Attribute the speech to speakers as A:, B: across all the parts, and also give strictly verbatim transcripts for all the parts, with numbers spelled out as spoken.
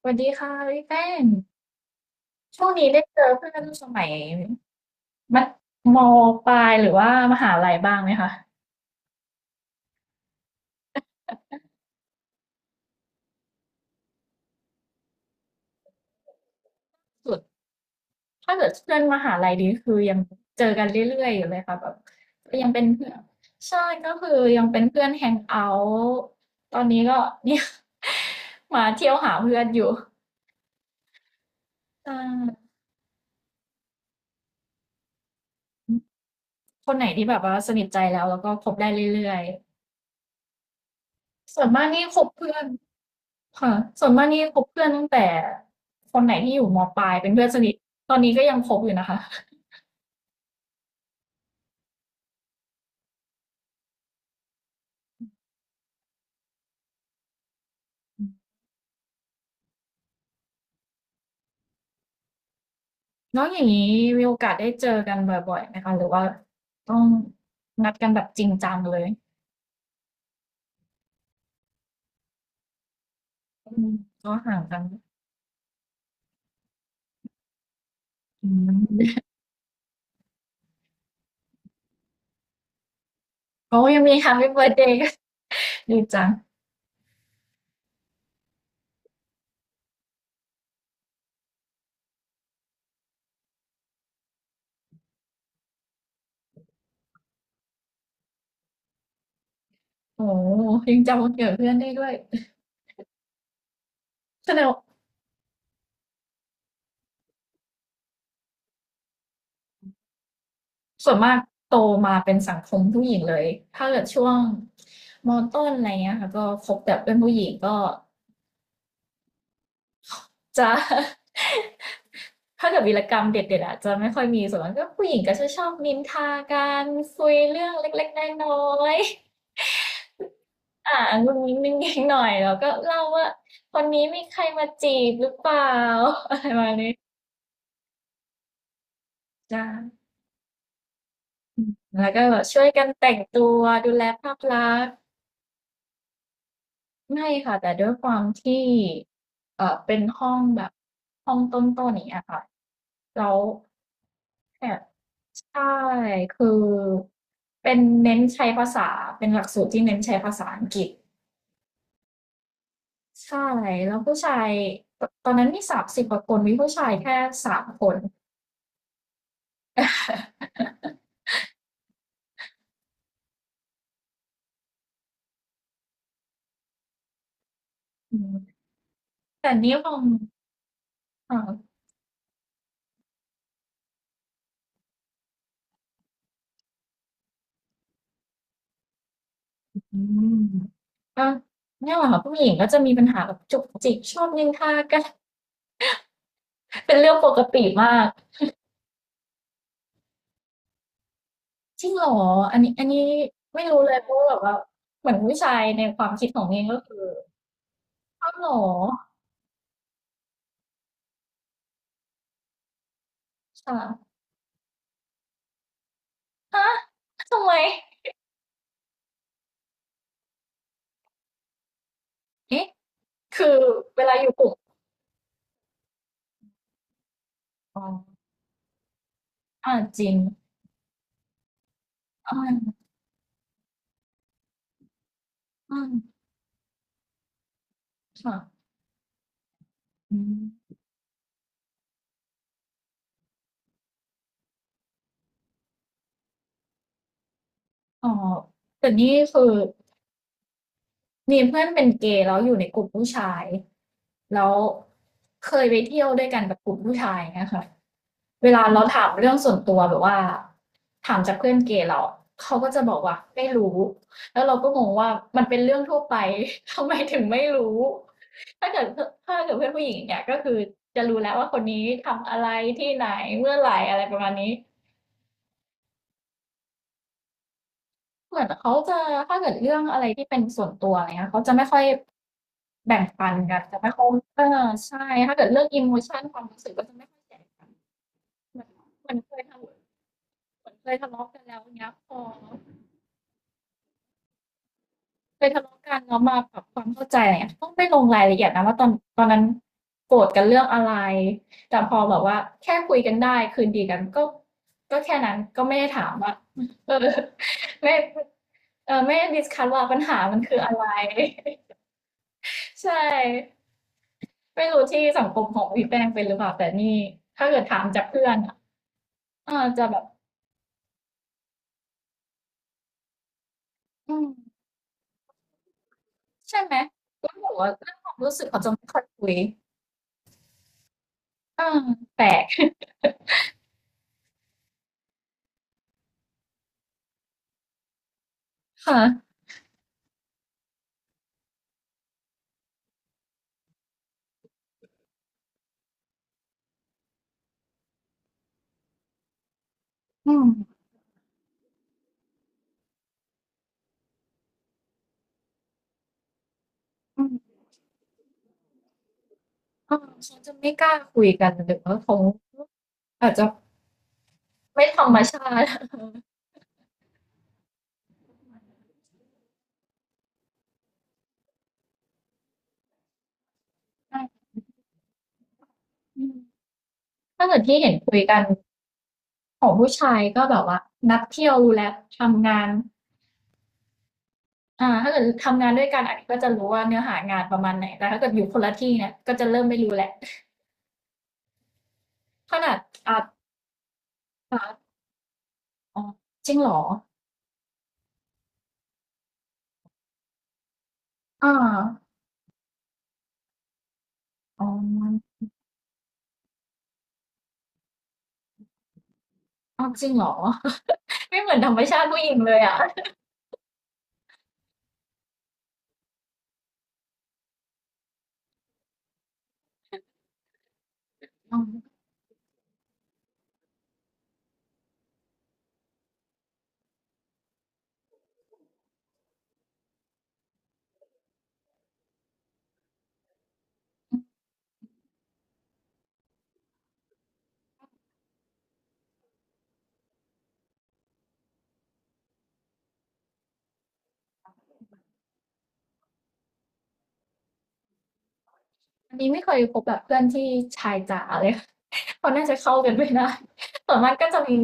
A: สวัสดีค่ะพี่แป้งช่วงนี้ได้เจอเพื่อนสมัยมัธมปลายหรือว่ามหาลัยบ้างไหมคะสุดถ้าเกิดเพื่อนมหาลัยดีคือยังเจอกันเรื่อยๆอยู่เลยค่ะแบบก็ยังเป็นเพื่อนใช่ก็คือยังเป็นเพื่อนแฮงเอาท์ตอนนี้ก็เนี่ย มาเที่ยวหาเพื่อนอยู่อ่าคนไหนที่แบบว่าสนิทใจแล้วแล้วก็คบได้เรื่อยๆ ส่วนมากนี่คบเพื่อนค่ะส่วนมากนี่คบเพื่อนตั้งแต่คนไหนที่อยู่มปลายเป็นเพื่อนสนิทตอนนี้ก็ยังคบอยู่นะคะอืมแล้วอย่างนี้มีโอกาสได้เจอกันบ่อยๆไหมคะหรือว่าต้องนัดกันแบบจริงจังเลยอืมก็ห่างกันอืมโอยังมี แฮปปี้เบิร์ธเดย์ กันดีจังโอ้โฮยังจำวันเกิดเพื่อนได้ด้วยแสดงว่าส่วนมากโตมาเป็นสังคมผู้หญิงเลยถ้าเกิดช่วงมต้นอะไรเงี้ยค่ะก็คบแต่เพื่อนผู้หญิงก็ จะ ถ้าเกิดวีรกรรมเด็ดๆอะจะไม่ค่อยมีส่วนมากก็ผู้หญิงก็จะชอบนินทากันคุยเรื่องเล็กๆน้อยๆ อ่างุนงิงๆหน่อยแล้วก็เล่าว่าคนนี้มีใครมาจีบหรือเปล่า อะไรประมาณนี้จ้าแล้วก็แบบช่วยกันแต่งตัวดูแลภาพลักษณ์ไม่ค่ะแต่ด้วยความที่เอ่อเป็นห้องแบบห้องต้นๆอย่างเงี้ยค่ะแล้วแอบ ใช่คือเป็นเน้นใช้ภาษาเป็นหลักสูตรที่เน้นใช้ภาษาอังกฤษใช่แล้วผู้ชายตตอนนั้นมีสามสิบกว่าคนมีผู้ชายแค่สามคน อืมแต่นี่มองอ่าอืมก็เนี่ยแหละค่ะผู้หญิงก็จะมีปัญหาแบบจุกจิกชอบนินทากัน เป็นเรื่องปกติมากจริงเหรออันนี้อันนี้ไม่รู้เลยเพราะว่าแบบว่าเหมือนผู้ชายในความคิดของเองก็คืออ้าวเหรอค่ะ ฮะทำไมเอ๊ะคือเวลาอยู่กลุ่มอ๋ออ่าจริงอ่าอ่าค่ะอืมอ๋อแต่นี่คือมีเพื่อนเป็นเกย์แล้วอยู่ในกลุ่มผู้ชาย แล้วเคยไปเที่ยวด้วยกันกับกลุ่มผู้ชายเนะคะ เวลาเราถามเรื่องส่วนตัวแบบว่าถามจากเพื่อนเกย์เราเขาก็จะบอกว่าไม่รู้แล้วเราก็งงว่ามันเป็นเรื่องทั่วไป ทำไมถึงไม่รู้ถ้าเกิดถ้าเกิดเพื่อนผู้หญิงงเนี่ยก็คือจะรู้แล้วว่าคนนี้ทำอะไรที่ไหนเมื่อไหร่อะไรประมาณนี้เหมือนเขาจะถ้าเกิดเรื่องอะไรที่เป็นส่วนตัวอะไรเงี้ยเขาจะไม่ค่อยแบ่งปันกันจะไม่ค่อยเออใช่ถ้าเกิดเรื่องอิโมชันความรู้สึกก็จะไม่ค่อยแชร์กันเหมือนเหมือนเคยทำเหมือนเคยทะเลาะกันแล้วเงี้ยพอ เคยทะเลาะกันแล้วมาปรับความเข้าใจอะไรเงี้ยต้องไม่ลงรายละเอียดนะว่าตอนตอนนั้นโกรธกันเรื่องอะไรแต่พอแบบว่าแค่คุยกันได้คืนดีกันก็ก็แค่นั้นก็ไม่ได้ถามว่า เออไม่เออไม่ได้ดิสคัดว่าปัญหามันคืออะไร ใช่ไม่รู้ที่สังคมของพี่แป้งเป็นหรือเปล่าแต่นี่ถ้าเกิดถามจากเพื่อนอ่ะเออจะแบบอืมใช่ไหมแล้วแบกว่าเรื่องความรู้สึกเขาจะไม่ค่อยคุยเอ่าแปลก ค่ะอืมอืม เออเขาจะไม่กล้าคุยกันหรือว่าเขาอาจจะไม่ธรรมชาติ ใช่อืมถ้าเกิดที่เห็นคุยกันของผู้ชายก็แบบว่านัดเที่ยวรู้แล้วทำงานอ่าถ้าเกิดทำงานด้วยกันอันนี้ก็จะรู้ว่าเนื้อหางานประมาณไหนแต่ถ้าเกิดอยู่คนละที่เนี่ยก็จะเริ่มไม่รู้แหละวขนาดอ่าอ่าอ๋อจริงเหรออาอ๋อออจริงเหรอ ไม่เหมือนธรรมชาติผู้หญิงเลยอะ อมอันนี้ไม่เคยพบแบบเพื่อนที่ชายจ๋าเลย เขาน่าจะเข้ากันไม่ได้ ส่วนมากก็จะมี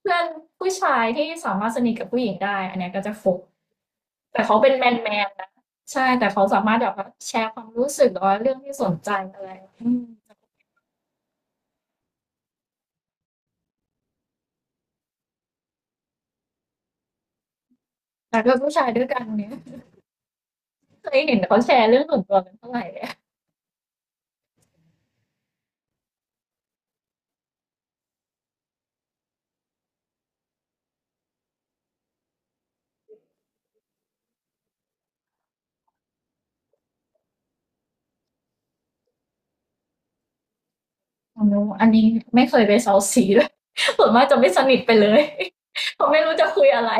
A: เพื่อนผู้ชายที่สามารถสนิทกับผู้หญิงได้อันเนี้ยก็จะคบแต่เขาเป็นแมนแมนนะใช่แต่เขาสามารถแบบว่าแชร์ความรู้สึกหรือว่าเรื่องที่สนใจอะไรอืมแต่กับผู้ชายด้วยกันเนี่ยเคยเห็นเขาแชร์เรื่องส่วนตัวกันเท่าไหรเลยอ๋อนนู้นอันนี้ไม่เคยไปเซ้าซีด้วย ส่วนมากจะไม่สนิทไปเลย เพราะไม่รู้จะคุยอะไร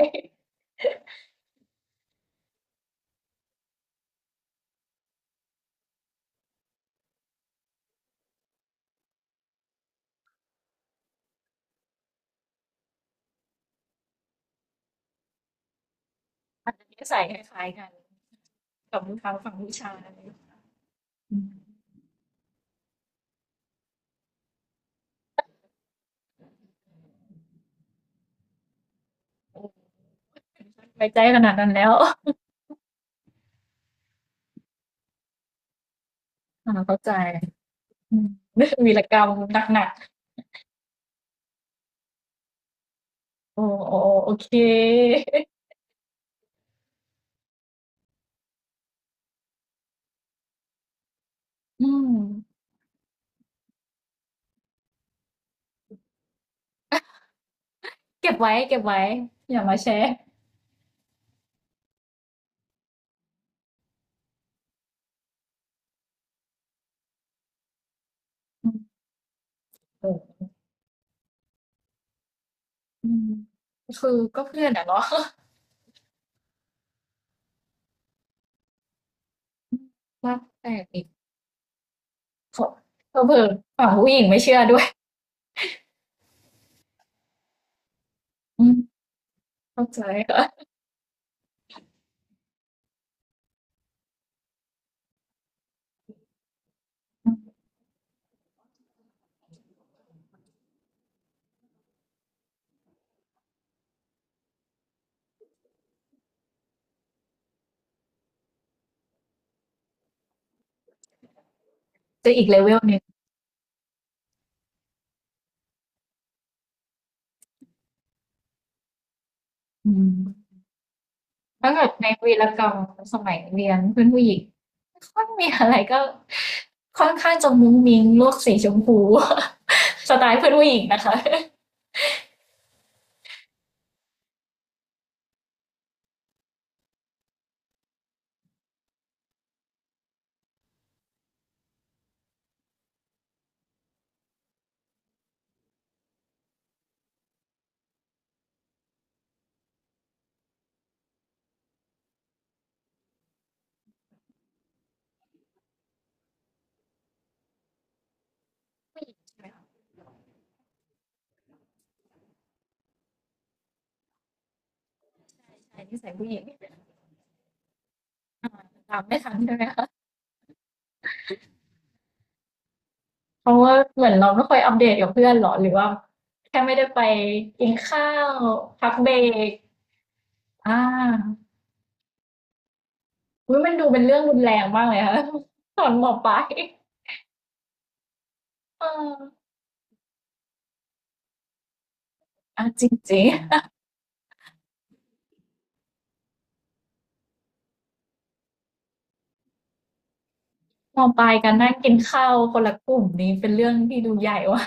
A: อันนี้ใส่คล้ายๆกันกับทางฝั่งผู้ชายอืมโอ้ยไม่้ใจขนาดนั้นแล้ว อาเข้าใจ อืม วีรกรรมหนักๆ โอ้ๆโอเค อืมเก็บไว้เก็บไว้อย่ามาแชร์อืมเอออืมคือก็เพื่อนอะเนาะ ว่าแต่อีกขเผลอๆฝั่งผู้หญิงไม่เชื่อด้วย อืมเข้าใจค่ะอืมจะอีกเลเวลหนึ่งอืมถ้าเกิดในวีรกรรมสมัยเรียนเพื่อนผู้หญิงไม่ค่อยมีอะไรก็ค่อนข้างจะมุ้งมิ้งโลกสีชมพู สไตล์เพื่อนผู้หญิงนะคะ ใชานิสัยผู้หญิงตามไม่ทันใช่ไหมคะเพราะว่าเหมือนเราไม่ค่อยอัปเดตกับเพื่อนหรอหรือว่าแค่ไม่ได้ไปกินข้าวพักเบรกอ่าอุ๊ยมันดูเป็นเรื่องรุนแรงมากเลยค่ะ ตอนมปลายเอออ่ะจริงๆมปลายกันนั่งกินข้าวคนละกลุ่มนี้เป็นเรื่องที่ดูใหญ่ว่ะ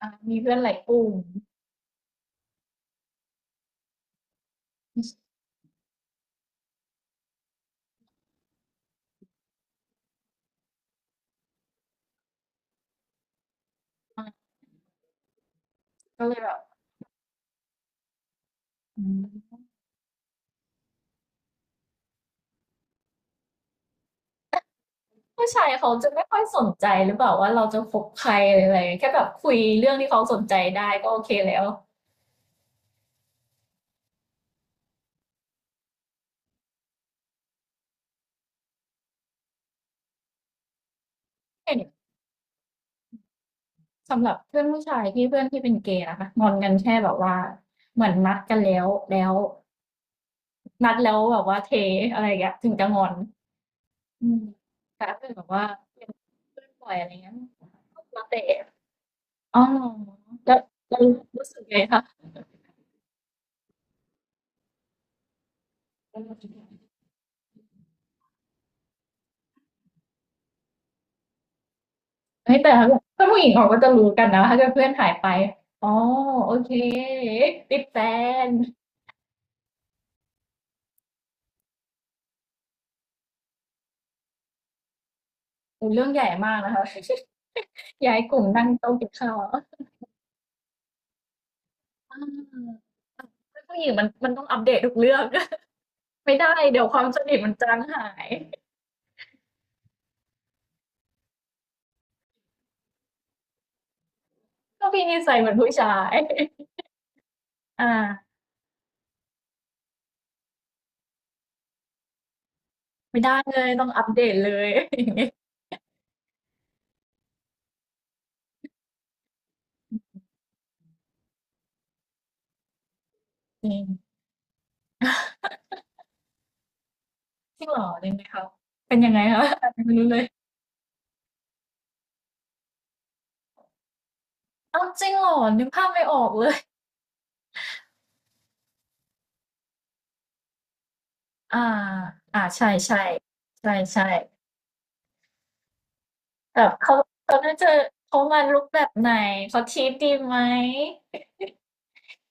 A: อ่ะมีเพื่อนหลายกลุ่มอ่ะก็เลยแบบอืมผู้ชายเขาจะไม่ค่อยสนใจหรือเปล่าว่าเราจะคบใครอะไราแค่แบบคุยเรื่องที่เขาสนใจได้ก็โอเคแล้วเห็น สำหรับเพื่อนผู้ชายที่เพื่อนที่เป็นเกย์นะคะงอนกันแค่แบบว่าเหมือนนัดกันแล้วแล้วนัดแล้วแบบว่าเทอะไรอย่างเงี้ยถึงจะงอนอืมแต่ถ้าเป็นแบบว่าเป็นเพื่อนปล่อยอะไรเงี้ยก็แล้วแต่อ๋อแล้วแล้วรู้สึกไงคะเฮ้ยแต่ถ้าแบบเพื่อนผู้หญิงเขาก็จะรู้กันนะถ้าเกิดเพื่อนหายไปอ๋อโอเคติดแฟนโอ้โฮเรื่องใหญ่มากนะคะ ย้ายกลุ่มนั่งโต๊ะกินข้าวอาเพื่อนผู้หญิงมันมันต้องอัปเดตทุกเรื่อง ไม่ได้เดี๋ยวความสนิทมันจางหาย ก็พี่นิสัยเหมือนผู้ชาย อ่าไม่ได้เลยต้องอัปเดตเลย อย่างเงี้ยจริงจริงเหรอจริงไหมคะเป็นยังไงคะไม่รู้เลยเอ้าจริงเหรอนึกภาพไม่ออกเลยอ่าอ่าใช่ใช่ใช่ใช่แบบเขาเขาน่าจะเขามาลุคแบบไหนเขาทีปดีไหม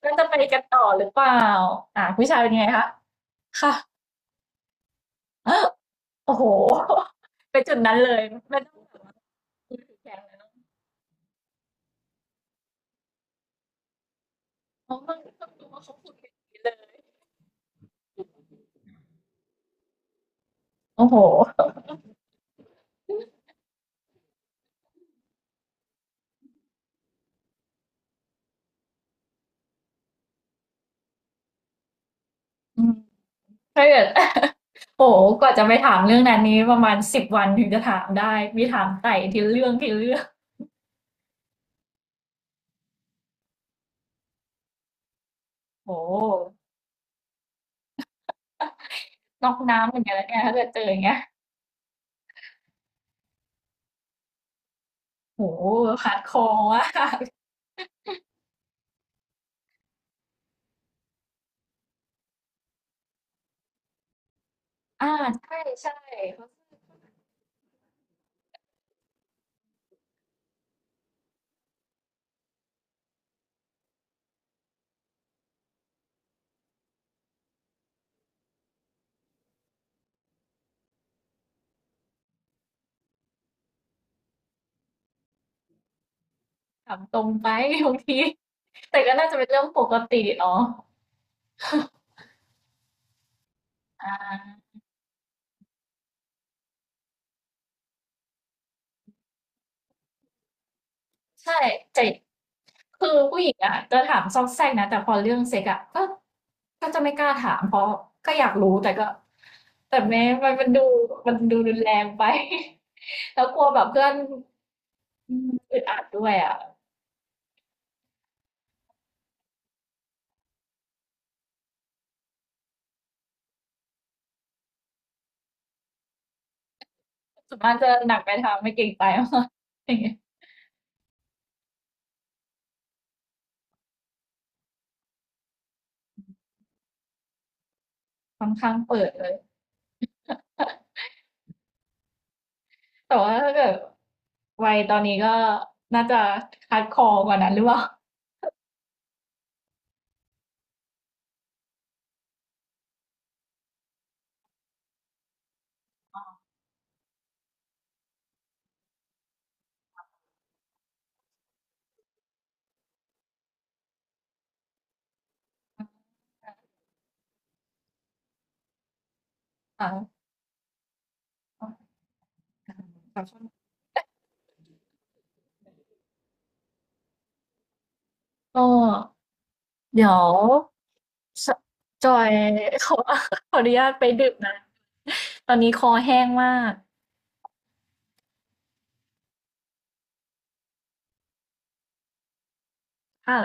A: น่าจะไปกันต่อหรือเปล่าอ่าผู้ชายเป็นยังไงคะค่ะ โอ้โฮไปจุดนั้นเลยไม่ต้องแบบว่ามือถือแข็งเลยเนาะอ๋อต้องต้องดูว่าเขาพูดกันอย่างนี้เลย โอ้โฮอืมถ้าเกิด โอ้โฮกว่าจะไปถามเรื่องนั้นนี้ประมาณสิบวันถึงจะถามได้มีถามไต่ทีละเรื่องทีละเรื่องโอ้โฮนอกน้ำเหมือนกันนะเนี่ยถ้าเกิดเจออย่างเงี้ยโอ้โฮ hardcore มากอาใช่ๆเขาก็ถามตรงไป บางทีแต่ก็น่าจะเป็นเรื่องปกติเนาะอา ใช่แตคือผู้หญิงอ่ะจะถามซอกแซกนะแต่พอเรื่องเซ็กอ่ะก็ก็จะไม่กล้าถามเพราะก็อยากรู้แต่ก็แต่แม้มันมันดูมันดูรุนแรงไป แล้วกลัวแบบเพื่อนอืมอึดอัดด้วยอ่ะส่วนมากจะหนักไปทางไม่เกรงใจมากอย่างเงี้ย ค่อนข้างเปิดเลย แต่ว่าถ้าเกิดวัยตอนนี้ก็น่าจะคัดคอกว่านั้นหรือเปล่าอ่ะขอบคุณก็เดี๋ยว สจอย ขอขออนุญาตไปดื่มน้ำตอนนี้คอแห้งมากค่ะ